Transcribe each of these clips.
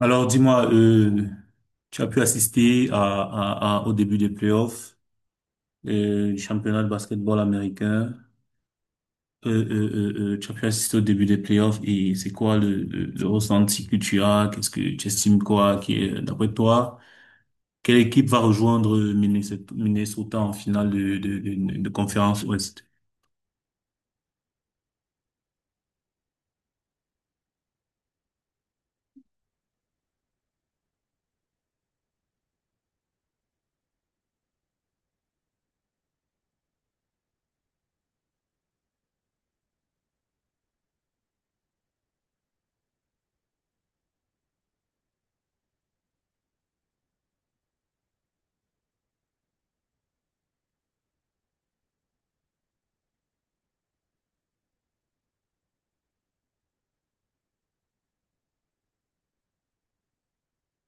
Alors, dis-moi, tu as pu assister au début des playoffs du championnat de basketball américain. Tu as pu assister au début des playoffs et c'est quoi le ressenti que tu as? Qu'est-ce que tu estimes quoi qui est, d'après toi, quelle équipe va rejoindre Minnesota en finale de conférence Ouest?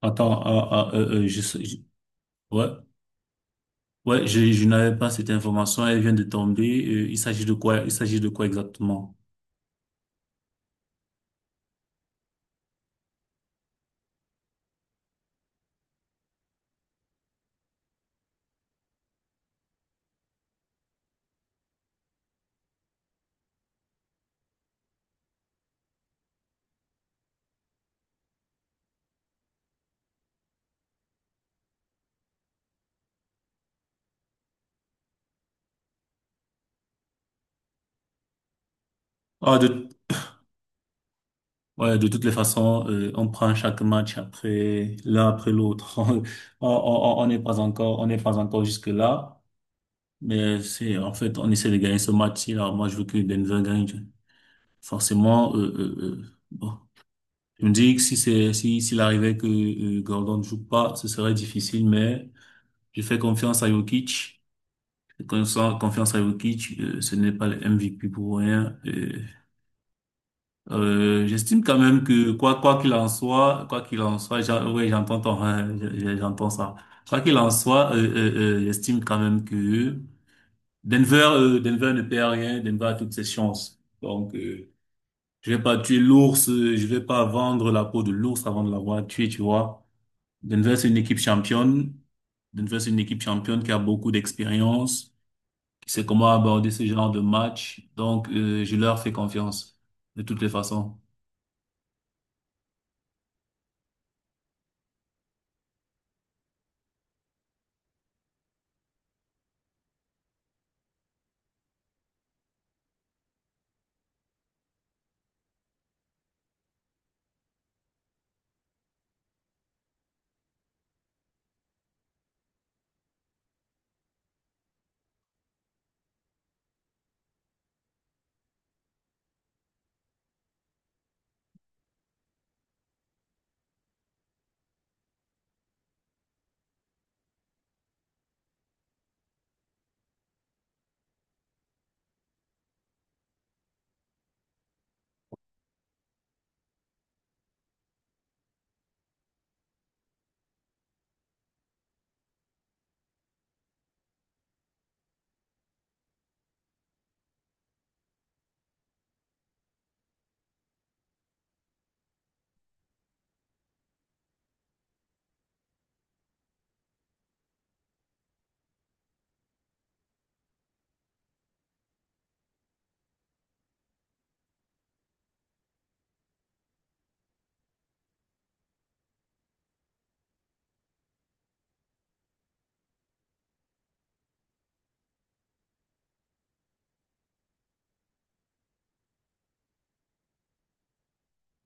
Attends, ouais, ouais, je n'avais pas cette information. Elle vient de tomber. Il s'agit de quoi? Il s'agit de quoi exactement? Ah, de Ouais, de toutes les façons, on prend chaque match après l'un après l'autre. On- on n'est pas encore, on n'est pas encore jusque là, mais c'est en fait on essaie de gagner ce match-ci. Alors moi, je veux que Denver gagne. Forcément, bon, je me dis que si c'est si s'il arrivait que Gordon ne joue pas, ce serait difficile. Mais je fais confiance à Jokic. Je fais confiance à Jokic. Euh, ce n'est pas le MVP pour rien. J'estime quand même que quoi qu'il en soit, oui, hein, j'entends ça. Quoi qu'il en soit, j'estime quand même que Denver ne perd rien, Denver a toutes ses chances. Donc je vais pas tuer l'ours, je vais pas vendre la peau de l'ours avant de l'avoir tué, tu vois. Denver c'est une équipe championne. Denver c'est une équipe championne qui a beaucoup d'expérience, qui sait comment aborder ce genre de match. Donc je leur fais confiance de toutes les façons.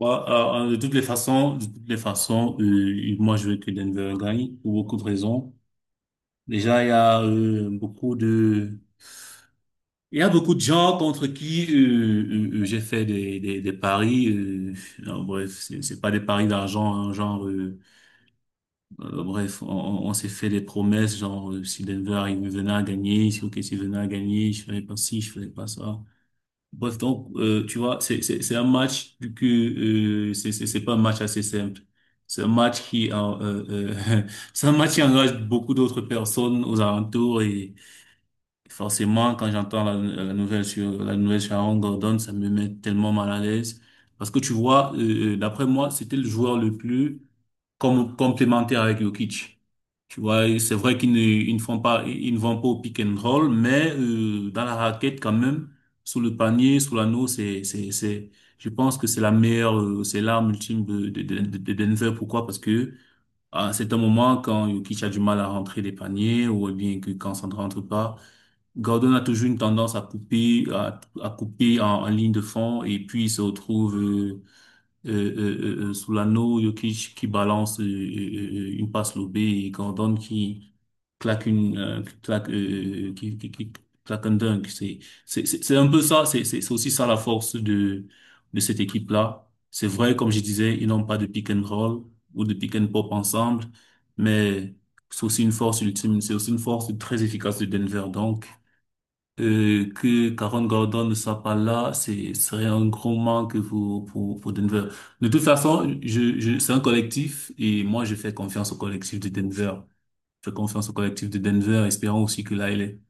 Bon, de toutes les façons, de toutes les façons, moi je veux que Denver gagne pour beaucoup de raisons. Déjà, il y a il y a beaucoup de gens contre qui j'ai fait des paris. Euh, non, bref, c'est pas des paris d'argent, hein, genre, bref, on s'est fait des promesses, genre si Denver il venait à gagner, si OKC venait à gagner, je ferais pas ci, je ferais pas ça. Bref, donc, tu vois, c'est un match, vu que c'est pas un match assez simple. C'est un match c'est un match qui engage beaucoup d'autres personnes aux alentours et forcément, quand j'entends la nouvelle sur Aaron Gordon, ça me met tellement mal à l'aise parce que tu vois, d'après moi, c'était le joueur le plus comme complémentaire avec Jokic. Tu vois, c'est vrai qu'ils ne, ils ne font pas, ils ne vont pas au pick and roll, mais dans la raquette quand même, sous le panier, sous l'anneau, c'est, je pense que c'est la meilleure, c'est l'arme ultime de Denver. Pourquoi? Parce que à un certain moment, quand Jokic a du mal à rentrer les paniers, ou bien que quand ça ne rentre pas, Gordon a toujours une tendance à couper, à couper en, en ligne de fond, et puis il se retrouve sous l'anneau, Jokic qui balance une passe lobée et Gordon qui claque une qui claque un dunk. C'est un peu ça. C'est aussi ça la force de cette équipe là. C'est vrai, comme je disais, ils n'ont pas de pick and roll ou de pick and pop ensemble, mais c'est aussi une force ultime. C'est aussi une force très efficace de Denver. Donc que Karen Gordon ne soit pas là, c'est serait un gros manque pour Denver. De toute façon, je c'est un collectif et moi je fais confiance au collectif de Denver. Je fais confiance au collectif de Denver, espérant aussi que là il est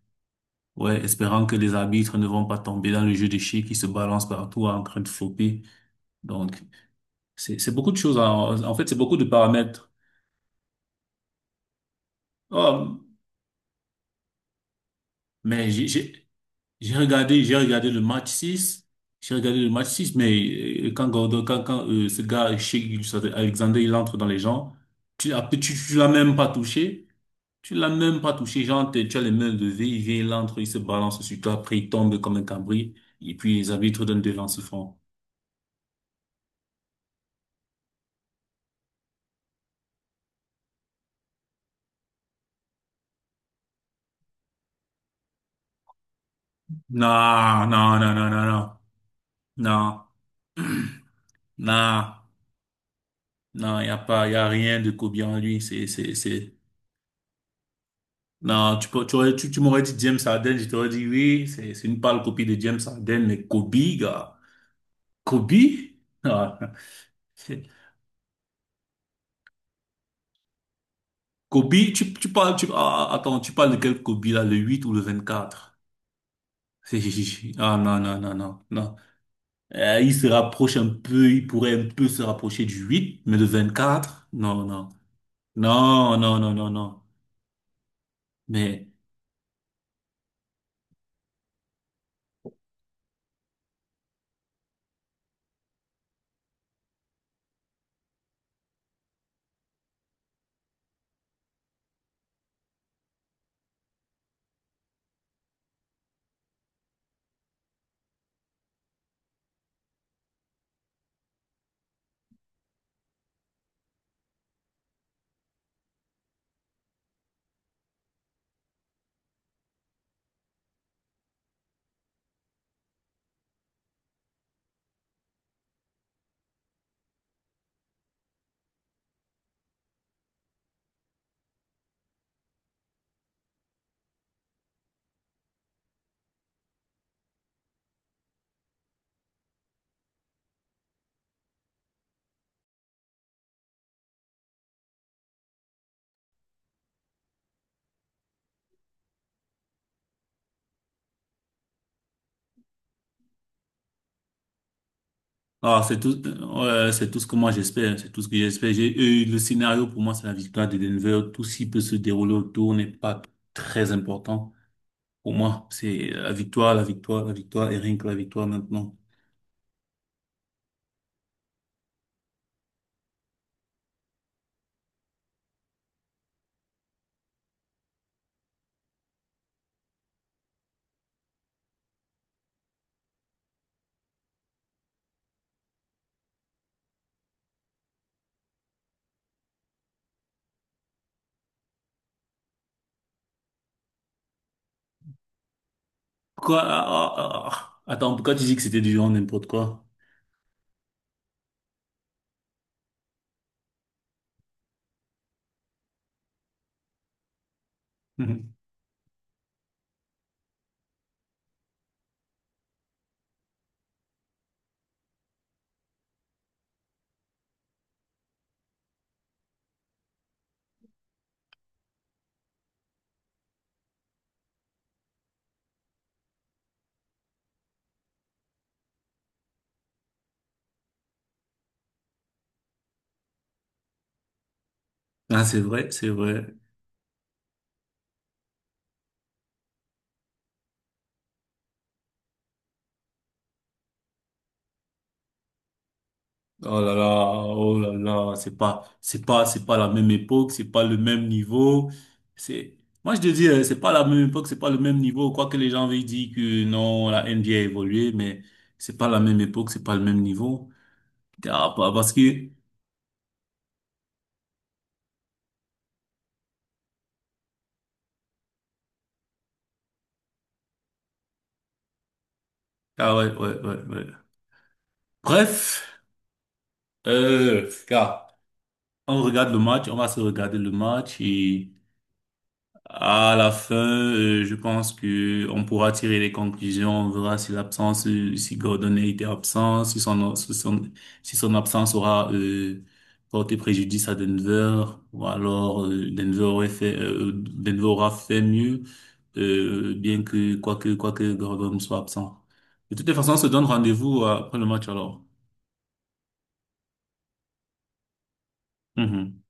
ouais, espérant que les arbitres ne vont pas tomber dans le jeu de chiens qui se balance partout en train de flopper. Donc c'est beaucoup de choses. En, en fait, c'est beaucoup de paramètres. Oh, mais j'ai regardé, j'ai regardé le match 6. J'ai regardé le match 6, mais quand Gordon, quand ce gars, Alexander, il entre dans les gens, après, tu l'as même pas touché. Tu l'as même pas touché. Genre, tu as les mains levées, il vient, il entre, il se balance sur toi, après, il tombe comme un cambri. Et puis, les arbitres donnent des lance francs. Non. Non, non, non, il n'y a pas, il n'y a rien de Kobe en lui. C'est. Non, tu peux, tu aurais- tu m'aurais dit James Harden, je t'aurais dit oui, c'est une pâle copie de James Harden, mais Kobe, gars. Kobe? Ah, c'est- Kobe, tu parles, tu, ah, ah, attends, tu parles de quel Kobe là, le 8 ou le 24? C'est- Ah non. Il se rapproche un peu, il pourrait un peu se rapprocher du 8, mais le 24? Non, non. Non. Mais ah, c'est tout, ouais, c'est tout ce que moi j'espère, c'est tout ce que j'espère. J'ai eu le scénario pour moi, c'est la victoire de Denver. Tout ce qui peut se dérouler autour n'est pas très important pour moi. C'est la victoire, la victoire, la victoire et rien que la victoire maintenant. Quoi? Ah. Attends, pourquoi tu dis que c'était du genre n'importe quoi? Ah, c'est vrai, c'est vrai. Oh là là, oh là là, c'est pas la même époque, c'est pas le même niveau. C'est, moi je te dis, c'est pas la même époque, c'est pas le même niveau. Quoique les gens veuillent dire que non, la NBA a évolué, mais c'est pas la même époque, c'est pas le même niveau. Ah, parce que, ah ouais. Bref, car on regarde le match, on va se regarder le match et. À la fin, je pense que on pourra tirer les conclusions. On verra si l'absence, si Gordon était absent, si son, si son absence aura porté préjudice à Denver, ou alors Denver aura fait mieux, bien que quoique quoique Gordon soit absent. De toutes les façons, on se donne rendez-vous après le match alors. Mhm.